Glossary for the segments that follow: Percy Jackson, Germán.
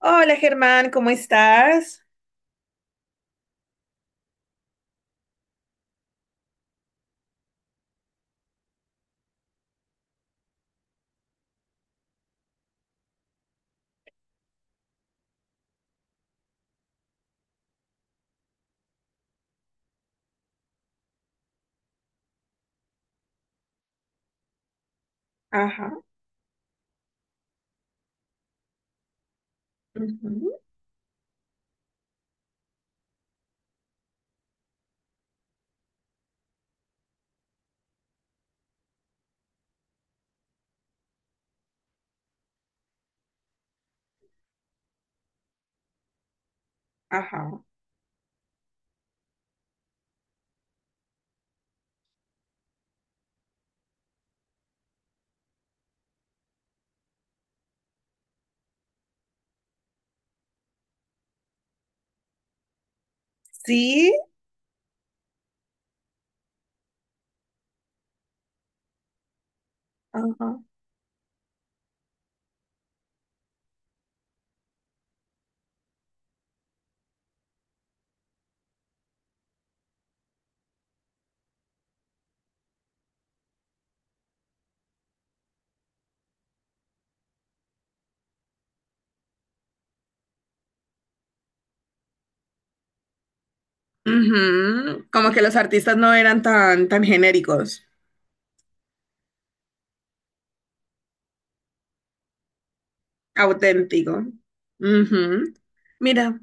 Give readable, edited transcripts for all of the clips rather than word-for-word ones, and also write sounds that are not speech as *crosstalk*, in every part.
Hola Germán, ¿cómo estás? Ajá, ujú, ajá. Sí, ajá. Ujú, como que los artistas no eran tan, tan genéricos, auténtico. Ujú. Mira.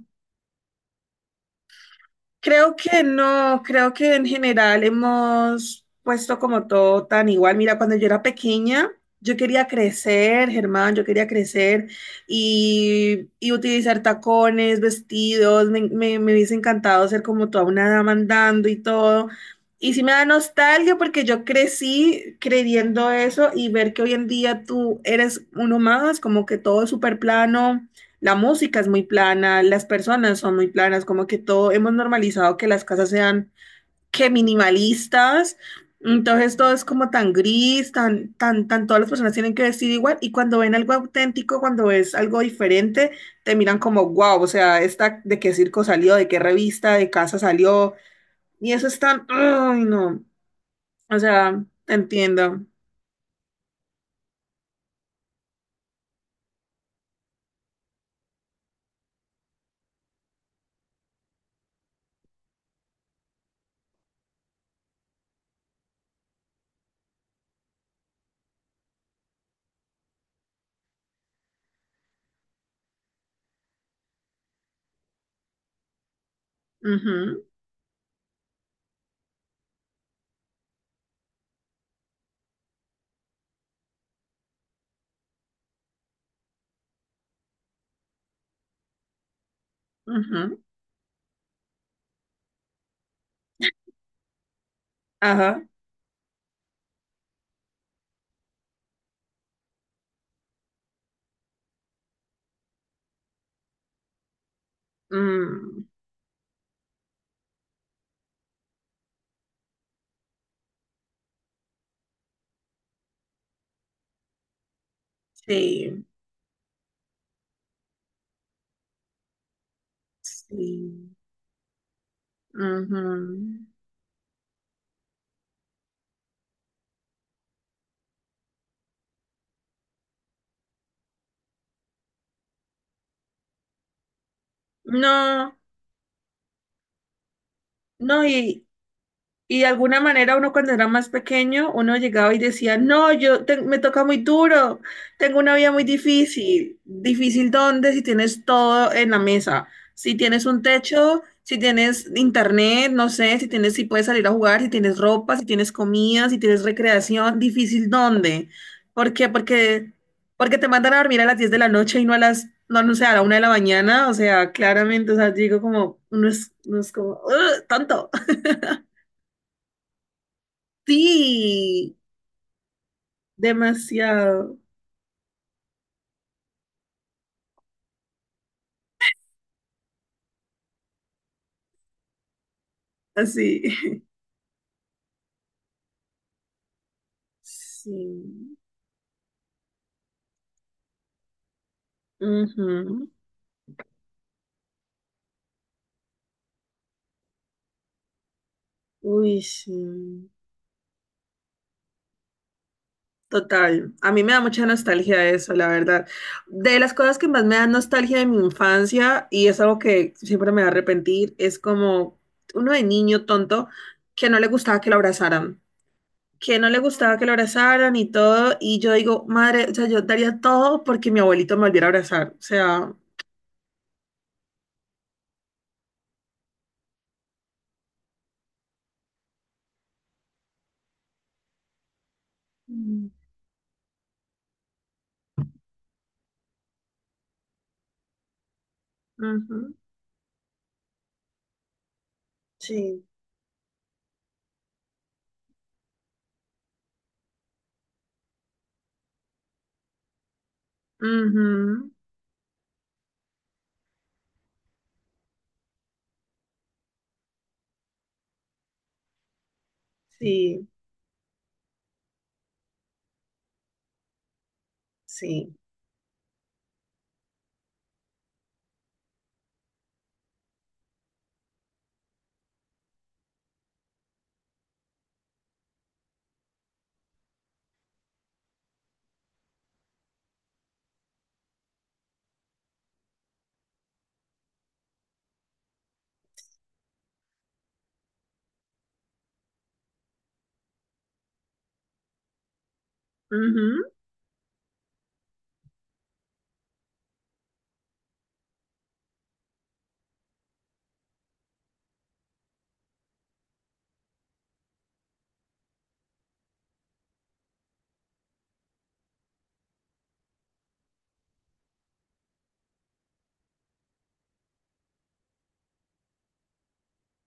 Creo que no, creo que en general hemos puesto como todo tan igual. Mira, cuando yo era pequeña, yo quería crecer, Germán, yo quería crecer y utilizar tacones, vestidos, me hubiese encantado ser como toda una dama andando y todo. Y sí me da nostalgia porque yo crecí creyendo eso y ver que hoy en día tú eres uno más, como que todo es súper plano. La música es muy plana, las personas son muy planas, como que todo hemos normalizado que las casas sean que minimalistas, entonces todo es como tan gris, tan, tan, tan, todas las personas tienen que vestir igual y cuando ven algo auténtico, cuando ves algo diferente, te miran como, wow, o sea, esta de qué circo salió, de qué revista, de casa salió y eso es tan, ay no, o sea, te entiendo. Ujú, ujú, ajá, mm, sí, sí, ujú. No, no, y de alguna manera uno cuando era más pequeño, uno llegaba y decía, no, me toca muy duro, tengo una vida muy difícil. ¿Difícil dónde? Si tienes todo en la mesa, si tienes un techo, si tienes internet, no sé, si tienes, si puedes salir a jugar, si tienes ropa, si tienes comida, si tienes recreación, ¿difícil dónde? ¿Por qué? Porque, porque te mandan a dormir a las 10 de la noche y no a las, no, no sé, a la 1 de la mañana, o sea, claramente, o sea, digo como, uno es como, "Ugh, tonto". Sí, demasiado. Así. *laughs* Sí. Ujú. Uy, sí. Total. A mí me da mucha nostalgia eso, la verdad. De las cosas que más me dan nostalgia de mi infancia, y es algo que siempre me va a arrepentir, es como uno de niño tonto que no le gustaba que lo abrazaran. Que no le gustaba que lo abrazaran y todo. Y yo digo, madre, o sea, yo daría todo porque mi abuelito me volviera a abrazar. O sea. Mm. Ujú. Sí. Ujú, sí, sí, ujú,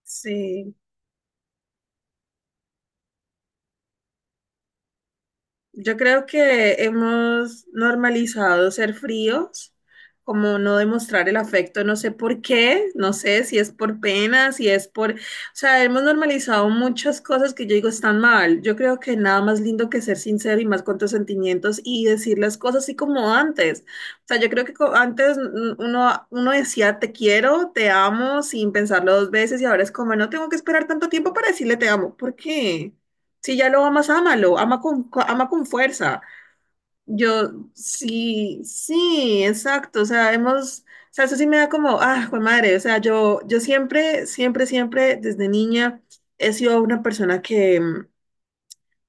sí. Yo creo que hemos normalizado ser fríos, como no demostrar el afecto, no sé por qué, no sé si es por pena, si es por, o sea, hemos normalizado muchas cosas que yo digo están mal. Yo creo que nada más lindo que ser sincero y más con tus sentimientos y decir las cosas así como antes. O sea, yo creo que antes uno decía te quiero, te amo sin pensarlo dos veces y ahora es como no tengo que esperar tanto tiempo para decirle te amo. ¿Por qué? Si ya lo amas, ámalo, ama con fuerza. Yo, sí, sí, exacto. O sea, hemos, o sea, eso sí me da como, ah, jue madre. O sea, yo siempre, siempre, siempre, desde niña, he sido una persona que,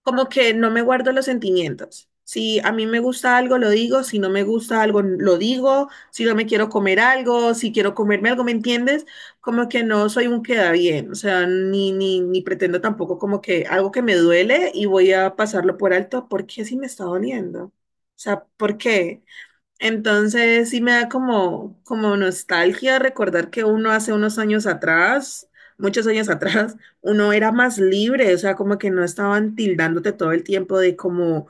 como que no me guardo los sentimientos. Si a mí me gusta algo, lo digo. Si no me gusta algo, lo digo. Si no me quiero comer algo, si quiero comerme algo, ¿me entiendes? Como que no soy un queda bien. O sea, ni pretendo tampoco como que algo que me duele y voy a pasarlo por alto. ¿Por qué si me está doliendo? O sea, ¿por qué? Entonces sí me da como, como nostalgia recordar que uno hace unos años atrás, muchos años *laughs* atrás, uno era más libre, o sea, como que no estaban tildándote todo el tiempo de como,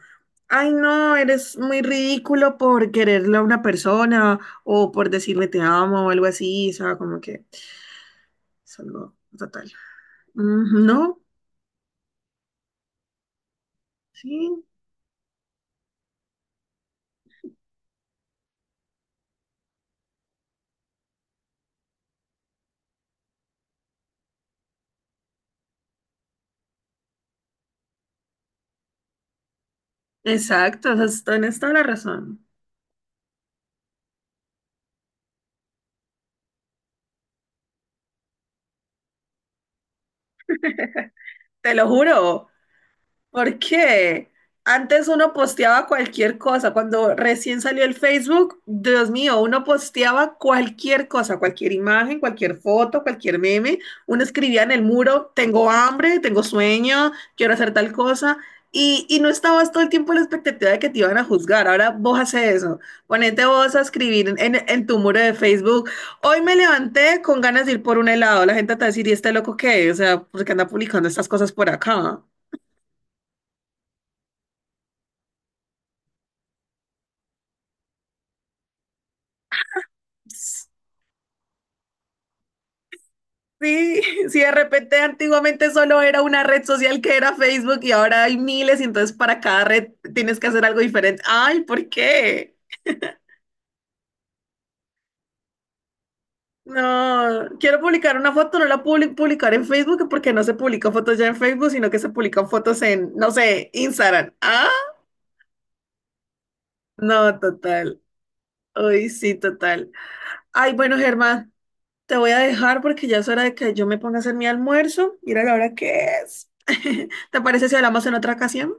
ay no, eres muy ridículo por quererle a una persona o por decirle te amo o algo así, o sea, como que es algo total. Mm, no, sí, exacto, o sea, tienes toda la razón, te lo juro. ¿Por qué? Antes uno posteaba cualquier cosa. Cuando recién salió el Facebook, Dios mío, uno posteaba cualquier cosa, cualquier imagen, cualquier foto, cualquier meme. Uno escribía en el muro, tengo hambre, tengo sueño, quiero hacer tal cosa. Y no estabas todo el tiempo en la expectativa de que te iban a juzgar. Ahora vos haces eso. Ponete vos a escribir en tu muro de Facebook. Hoy me levanté con ganas de ir por un helado. La gente te va a decir, ¿y este loco qué? O sea, ¿por qué anda publicando estas cosas por acá? Sí, *laughs* sí, de repente antiguamente solo era una red social que era Facebook y ahora hay miles y entonces para cada red tienes que hacer algo diferente. Ay, ¿por qué? No, quiero publicar una foto, no la publicar en Facebook porque no se publican fotos ya en Facebook, sino que se publican fotos en, no sé, Instagram. Ah, no, total. Ay, sí, total. Ay, bueno, Germán, te voy a dejar porque ya es hora de que yo me ponga a hacer mi almuerzo. Mira la hora que es. *laughs* ¿Te parece si hablamos en otra ocasión?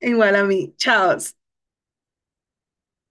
Igual a mí. Chao.